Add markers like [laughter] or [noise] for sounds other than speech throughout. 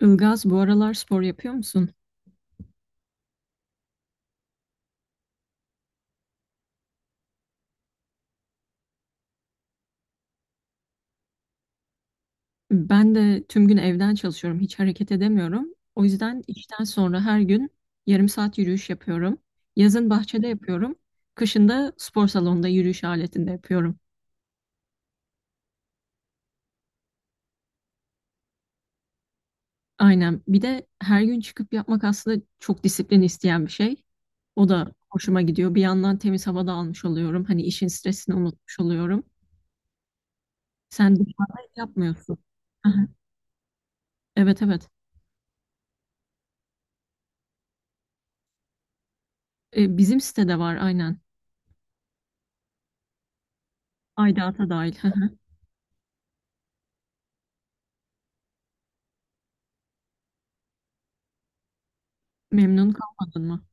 Ilgaz, bu aralar spor yapıyor musun? Ben de tüm gün evden çalışıyorum, hiç hareket edemiyorum. O yüzden işten sonra her gün yarım saat yürüyüş yapıyorum. Yazın bahçede yapıyorum. Kışın da spor salonunda yürüyüş aletinde yapıyorum. Aynen. Bir de her gün çıkıp yapmak aslında çok disiplin isteyen bir şey. O da hoşuma gidiyor. Bir yandan temiz havada almış oluyorum. Hani işin stresini unutmuş oluyorum. Sen dışarıda yapmıyorsun. Aha. Evet, evet. Bizim sitede var aynen. Aydat'a dahil. [laughs] Memnun kalmadın mı?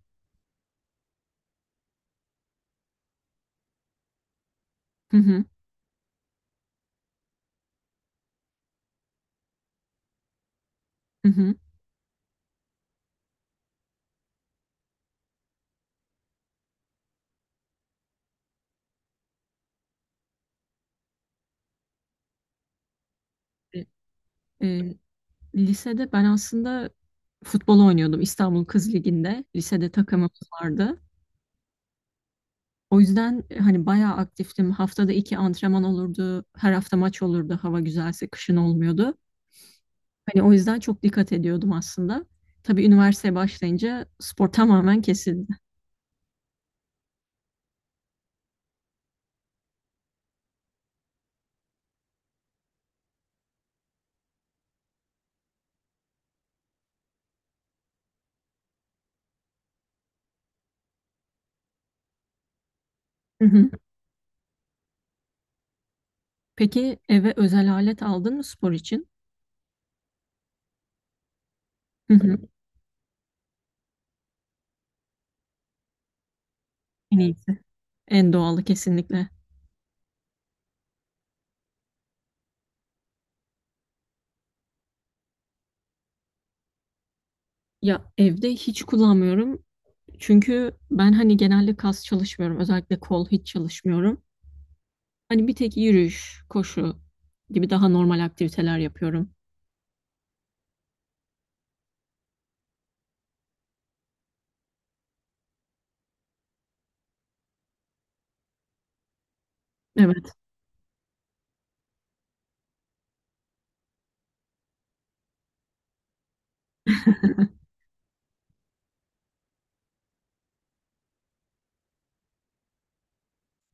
Hı hı, hı hı. E, e, lisede ben aslında futbol oynuyordum İstanbul Kız Ligi'nde. Lisede takımımız vardı. O yüzden hani bayağı aktiftim. Haftada iki antrenman olurdu. Her hafta maç olurdu. Hava güzelse kışın olmuyordu. Hani o yüzden çok dikkat ediyordum aslında. Tabii üniversiteye başlayınca spor tamamen kesildi. Hı hı. Peki eve özel alet aldın mı spor için? Hı hı. En iyisi. En doğalı kesinlikle. Ya evde hiç kullanmıyorum. Çünkü ben hani genelde kas çalışmıyorum. Özellikle kol hiç çalışmıyorum. Hani bir tek yürüyüş, koşu gibi daha normal aktiviteler yapıyorum. Evet,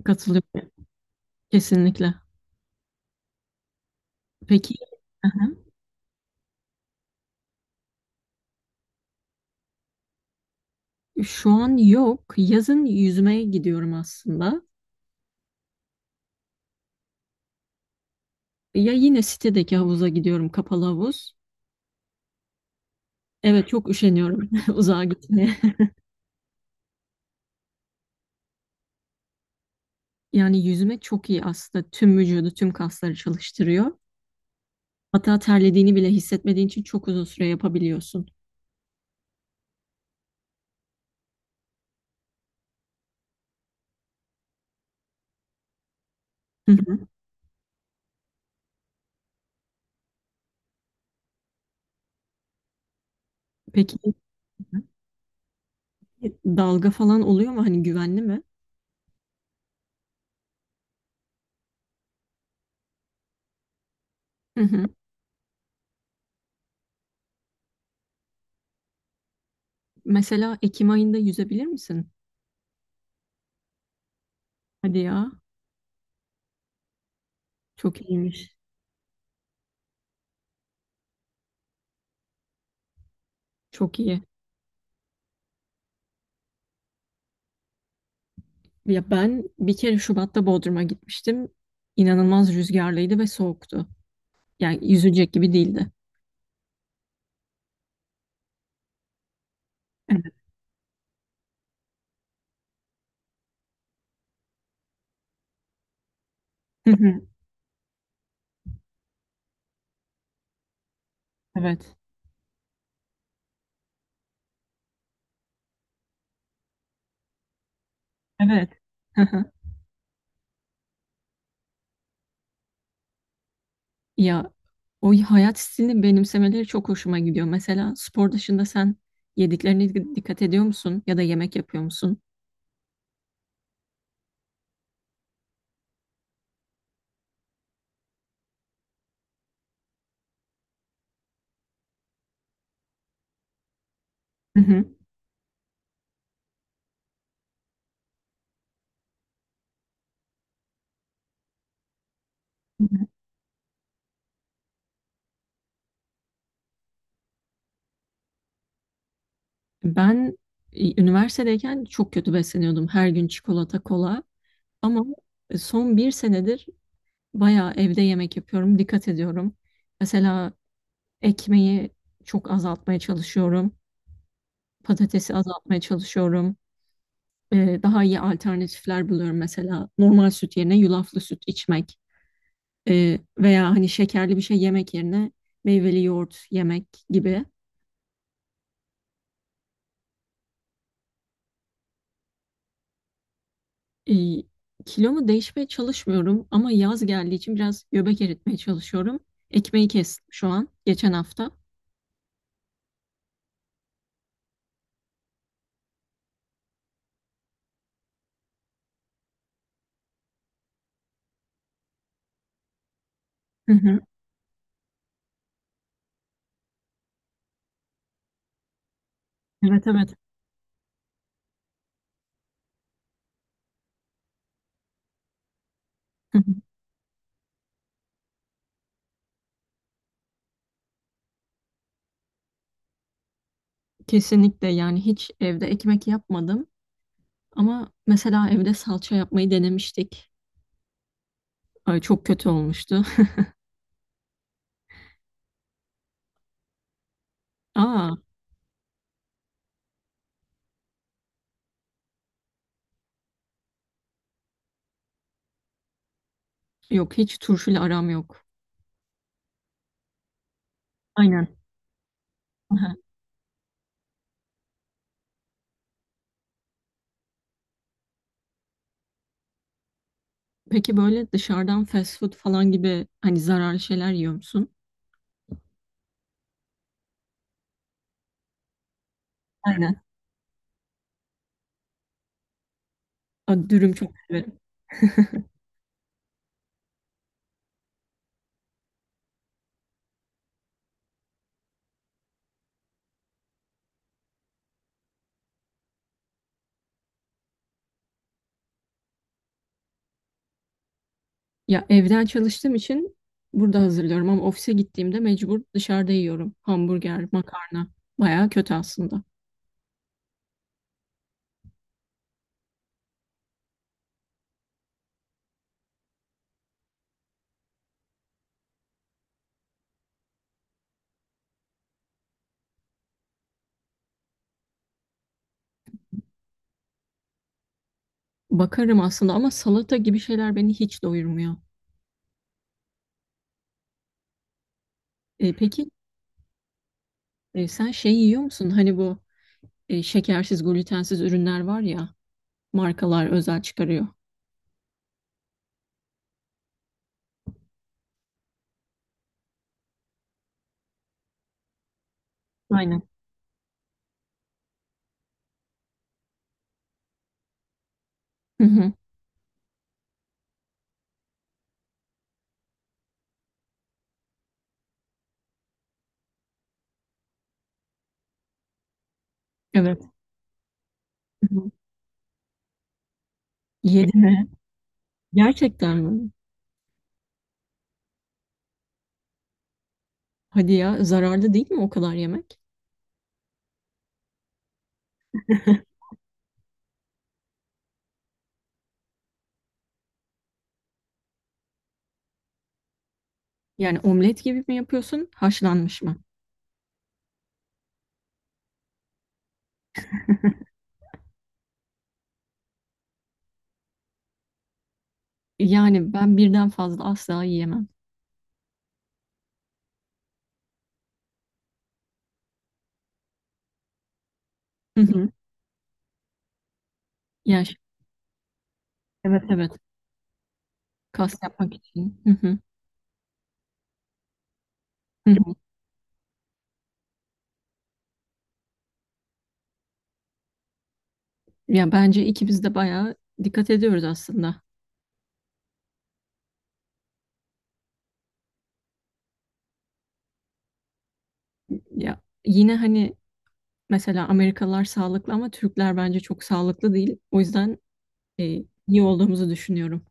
katılıyorum. Kesinlikle. Peki, aha, şu an yok. Yazın yüzmeye gidiyorum aslında. Ya yine sitedeki havuza gidiyorum, kapalı havuz. Evet, çok üşeniyorum [laughs] uzağa gitmeye. Yani yüzme çok iyi aslında. Tüm vücudu, tüm kasları çalıştırıyor. Hatta terlediğini bile hissetmediğin için çok uzun süre yapabiliyorsun. Hı hı. Peki dalga falan oluyor mu? Hani güvenli mi? Hı hı. Mesela Ekim ayında yüzebilir misin? Hadi ya. Çok iyiymiş. Çok iyi. Ya ben bir kere Şubat'ta Bodrum'a gitmiştim. İnanılmaz rüzgarlıydı ve soğuktu. Yani yüzecek gibi değildi. Evet. Hı hı. Evet. Evet. Hı hı. Ya o hayat stilini benimsemeleri çok hoşuma gidiyor. Mesela spor dışında sen yediklerine dikkat ediyor musun? Ya da yemek yapıyor musun? Hı hı. Hı hı. Ben üniversitedeyken çok kötü besleniyordum. Her gün çikolata, kola. Ama son bir senedir bayağı evde yemek yapıyorum. Dikkat ediyorum. Mesela ekmeği çok azaltmaya çalışıyorum. Patatesi azaltmaya çalışıyorum. Daha iyi alternatifler buluyorum. Mesela normal süt yerine yulaflı süt içmek veya hani şekerli bir şey yemek yerine meyveli yoğurt yemek gibi. E, Kilomu değişmeye çalışmıyorum ama yaz geldiği için biraz göbek eritmeye çalışıyorum. Ekmeği kestim şu an geçen hafta. Hı hı. Evet, evet. Hı hı. Kesinlikle, yani hiç evde ekmek yapmadım ama mesela evde salça yapmayı denemiştik. Ay, çok kötü olmuştu. [laughs] Aa, yok, hiç turşuyla aram yok. Aynen. [laughs] Aha. Peki böyle dışarıdan fast food falan gibi hani zararlı şeyler yiyor musun? Aynen. Aa, dürüm çok severim. Ya evden çalıştığım için burada hazırlıyorum ama ofise gittiğimde mecbur dışarıda yiyorum. Hamburger, makarna. Bayağı kötü aslında. Bakarım aslında ama salata gibi şeyler beni hiç doyurmuyor. Peki, sen şey yiyor musun? Hani bu şekersiz, glutensiz ürünler var ya, markalar özel çıkarıyor. Aynen. Hı hı. Evet. Hı hı. Yedin mi? [laughs] Gerçekten mi? Hadi ya, zararlı değil mi o kadar yemek? [laughs] Yani omlet gibi mi yapıyorsun, haşlanmış mı? Yani ben birden fazla asla yiyemem. Hı hı. Yani ş- evet, evet, kas yapmak için. Hı hı. Hı hı. Ya bence ikimiz de bayağı dikkat ediyoruz aslında. Ya yine hani mesela Amerikalılar sağlıklı ama Türkler bence çok sağlıklı değil. O yüzden e, iyi olduğumuzu düşünüyorum.